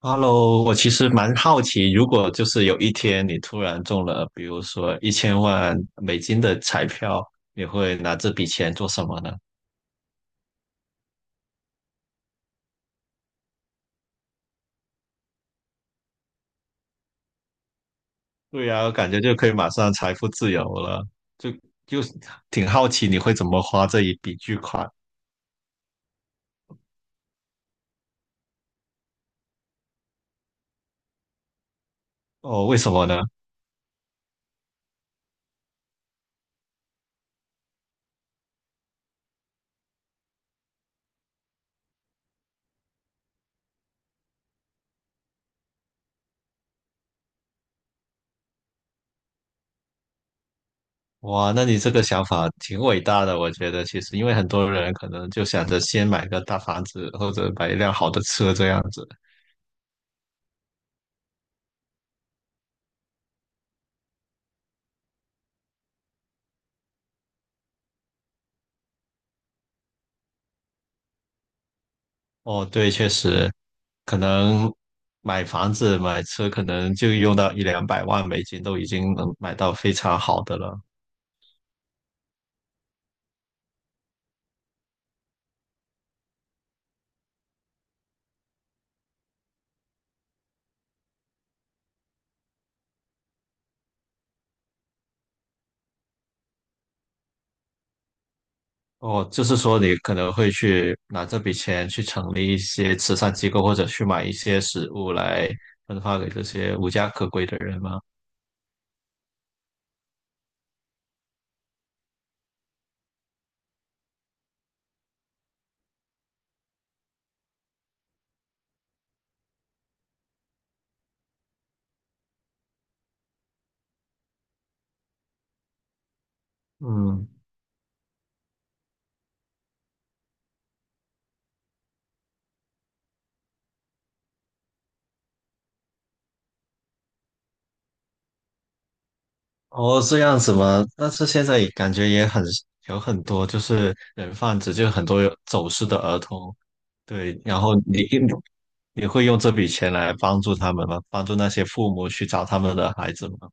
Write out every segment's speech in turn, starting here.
Hello，我其实蛮好奇，如果就是有一天你突然中了，比如说1000万美金的彩票，你会拿这笔钱做什么呢？对呀，我感觉就可以马上财富自由了，就就挺好奇你会怎么花这一笔巨款。哦？为什么呢？哇，那你这个想法挺伟大的，我觉得其实因为很多人可能就想着先买个大房子或者买一辆好的车这样子。哦，对，确实，可能买房子、买车，可能就用到一两百万美金，都已经能买到非常好的了。哦，就是说你可能会去拿这笔钱去成立一些慈善机构，或者去买一些食物来分发给这些无家可归的人吗？嗯，哦，这样子吗？但是现在也感觉也很有很多就是人贩子，就很多有走失的儿童。对，然后你会用这笔钱来帮助他们吗？帮助那些父母去找他们的孩子吗？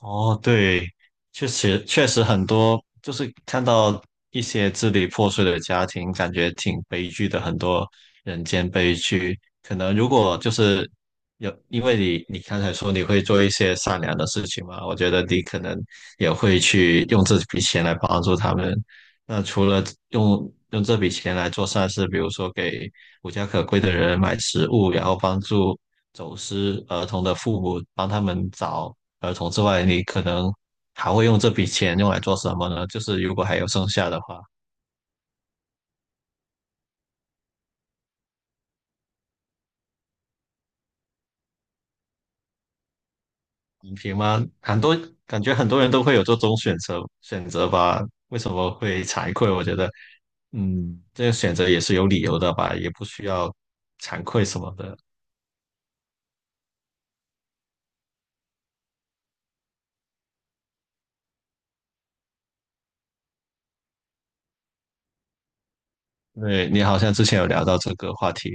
哦，对，确实确实很多，就是看到一些支离破碎的家庭，感觉挺悲剧的，很多人间悲剧。可能如果就是有，因为你刚才说你会做一些善良的事情嘛，我觉得你可能也会去用这笔钱来帮助他们。那除了用这笔钱来做善事，比如说给无家可归的人买食物，然后帮助走失儿童的父母，帮他们找。儿童之外，你可能还会用这笔钱用来做什么呢？就是如果还有剩下的话，影平吗？感觉很多人都会有这种选择吧？为什么会惭愧？我觉得，这个选择也是有理由的吧，也不需要惭愧什么的。对，你好像之前有聊到这个话题。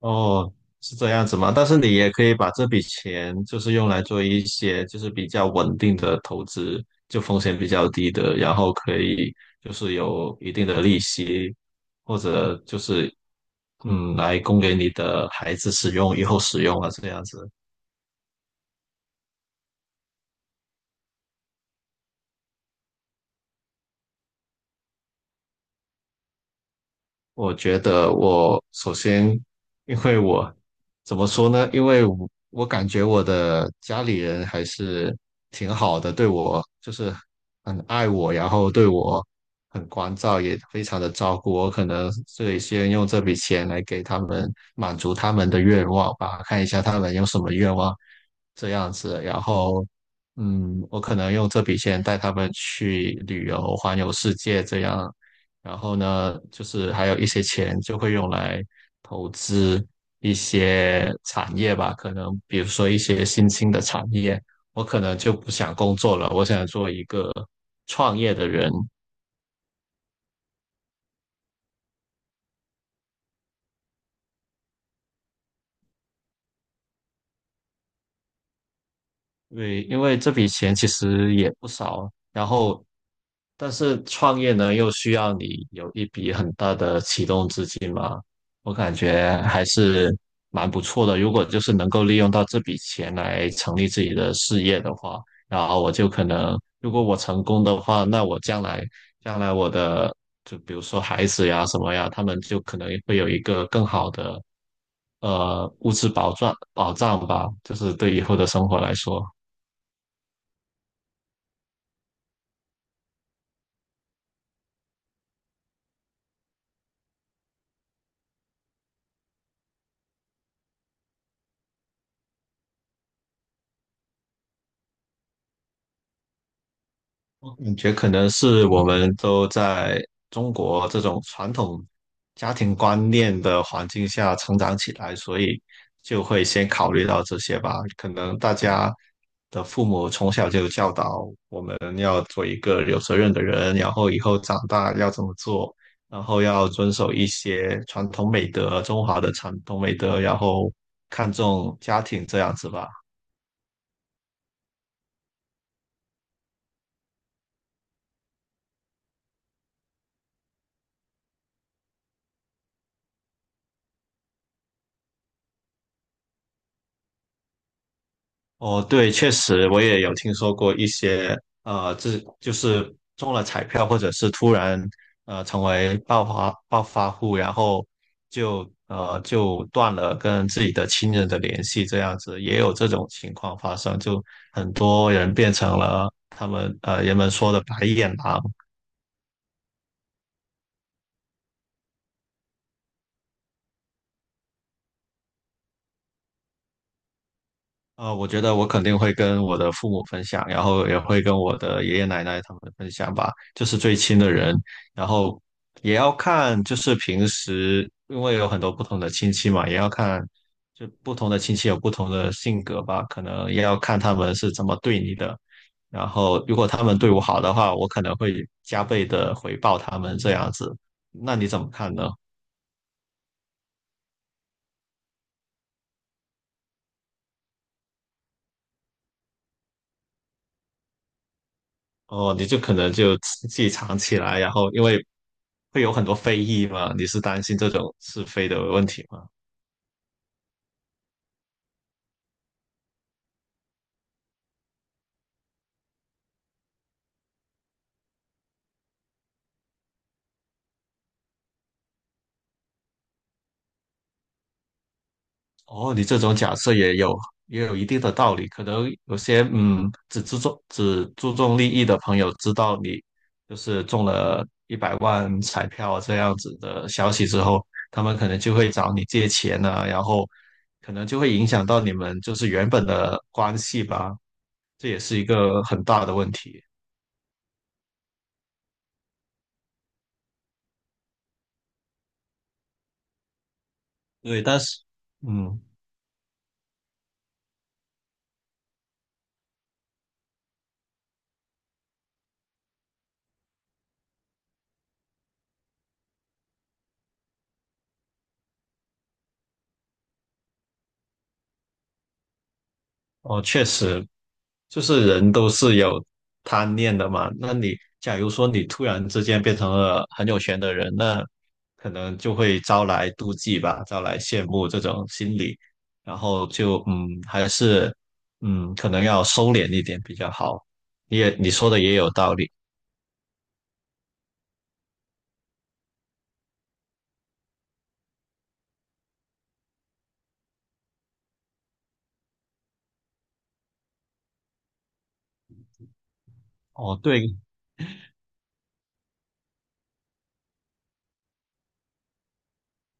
哦，是这样子吗？但是你也可以把这笔钱就是用来做一些就是比较稳定的投资，就风险比较低的，然后可以就是有一定的利息，或者就是来供给你的孩子使用，以后使用啊这样子。我觉得我首先，因为我怎么说呢？因为我感觉我的家里人还是挺好的，对我就是很爱我，然后对我很关照，也非常的照顾我。可能是先用这笔钱来给他们满足他们的愿望吧，看一下他们有什么愿望，这样子，然后，我可能用这笔钱带他们去旅游，环游世界这样，然后呢，就是还有一些钱就会用来投资一些产业吧，可能比如说一些新兴的产业，我可能就不想工作了，我想做一个创业的人，对，因为这笔钱其实也不少，然后，但是创业呢，又需要你有一笔很大的启动资金嘛，我感觉还是蛮不错的。如果就是能够利用到这笔钱来成立自己的事业的话，然后我就可能，如果我成功的话，那我将来，将来我的，就比如说孩子呀什么呀，他们就可能会有一个更好的，物质保障吧，就是对以后的生活来说。感觉可能是我们都在中国这种传统家庭观念的环境下成长起来，所以就会先考虑到这些吧。可能大家的父母从小就教导我们要做一个有责任的人，然后以后长大要怎么做，然后要遵守一些传统美德，中华的传统美德，然后看重家庭这样子吧。哦，对，确实我也有听说过一些，这就是中了彩票，或者是突然成为暴发户，然后就就断了跟自己的亲人的联系，这样子也有这种情况发生，就很多人变成了他们人们说的白眼狼，啊，我觉得我肯定会跟我的父母分享，然后也会跟我的爷爷奶奶他们分享吧，就是最亲的人。然后也要看，就是平时因为有很多不同的亲戚嘛，也要看，就不同的亲戚有不同的性格吧，可能也要看他们是怎么对你的。然后如果他们对我好的话，我可能会加倍的回报他们这样子。那你怎么看呢？哦，你就可能就自己藏起来，然后因为会有很多非议嘛，你是担心这种是非的问题吗？哦，你这种假设也有一定的道理，可能有些只注重利益的朋友知道你就是中了100万彩票这样子的消息之后，他们可能就会找你借钱啊，然后可能就会影响到你们就是原本的关系吧，这也是一个很大的问题。对，但是嗯。哦，确实，就是人都是有贪念的嘛。那你假如说你突然之间变成了很有钱的人，那可能就会招来妒忌吧，招来羡慕这种心理，然后就还是可能要收敛一点比较好。你也你说的也有道理。哦，对，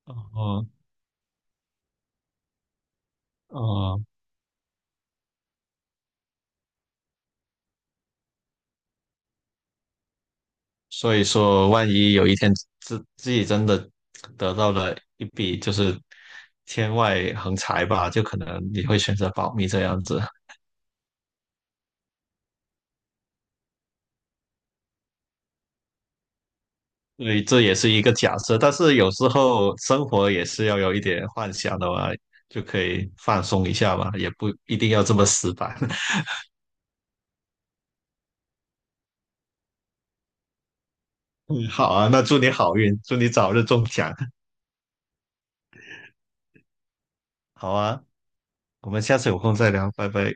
哦哦。所以说，万一有一天自己真的得到了一笔就是天外横财吧，就可能你会选择保密这样子。所以这也是一个假设，但是有时候生活也是要有一点幻想的嘛，就可以放松一下嘛，也不一定要这么死板。嗯好啊，那祝你好运，祝你早日中奖。好啊，我们下次有空再聊，拜拜。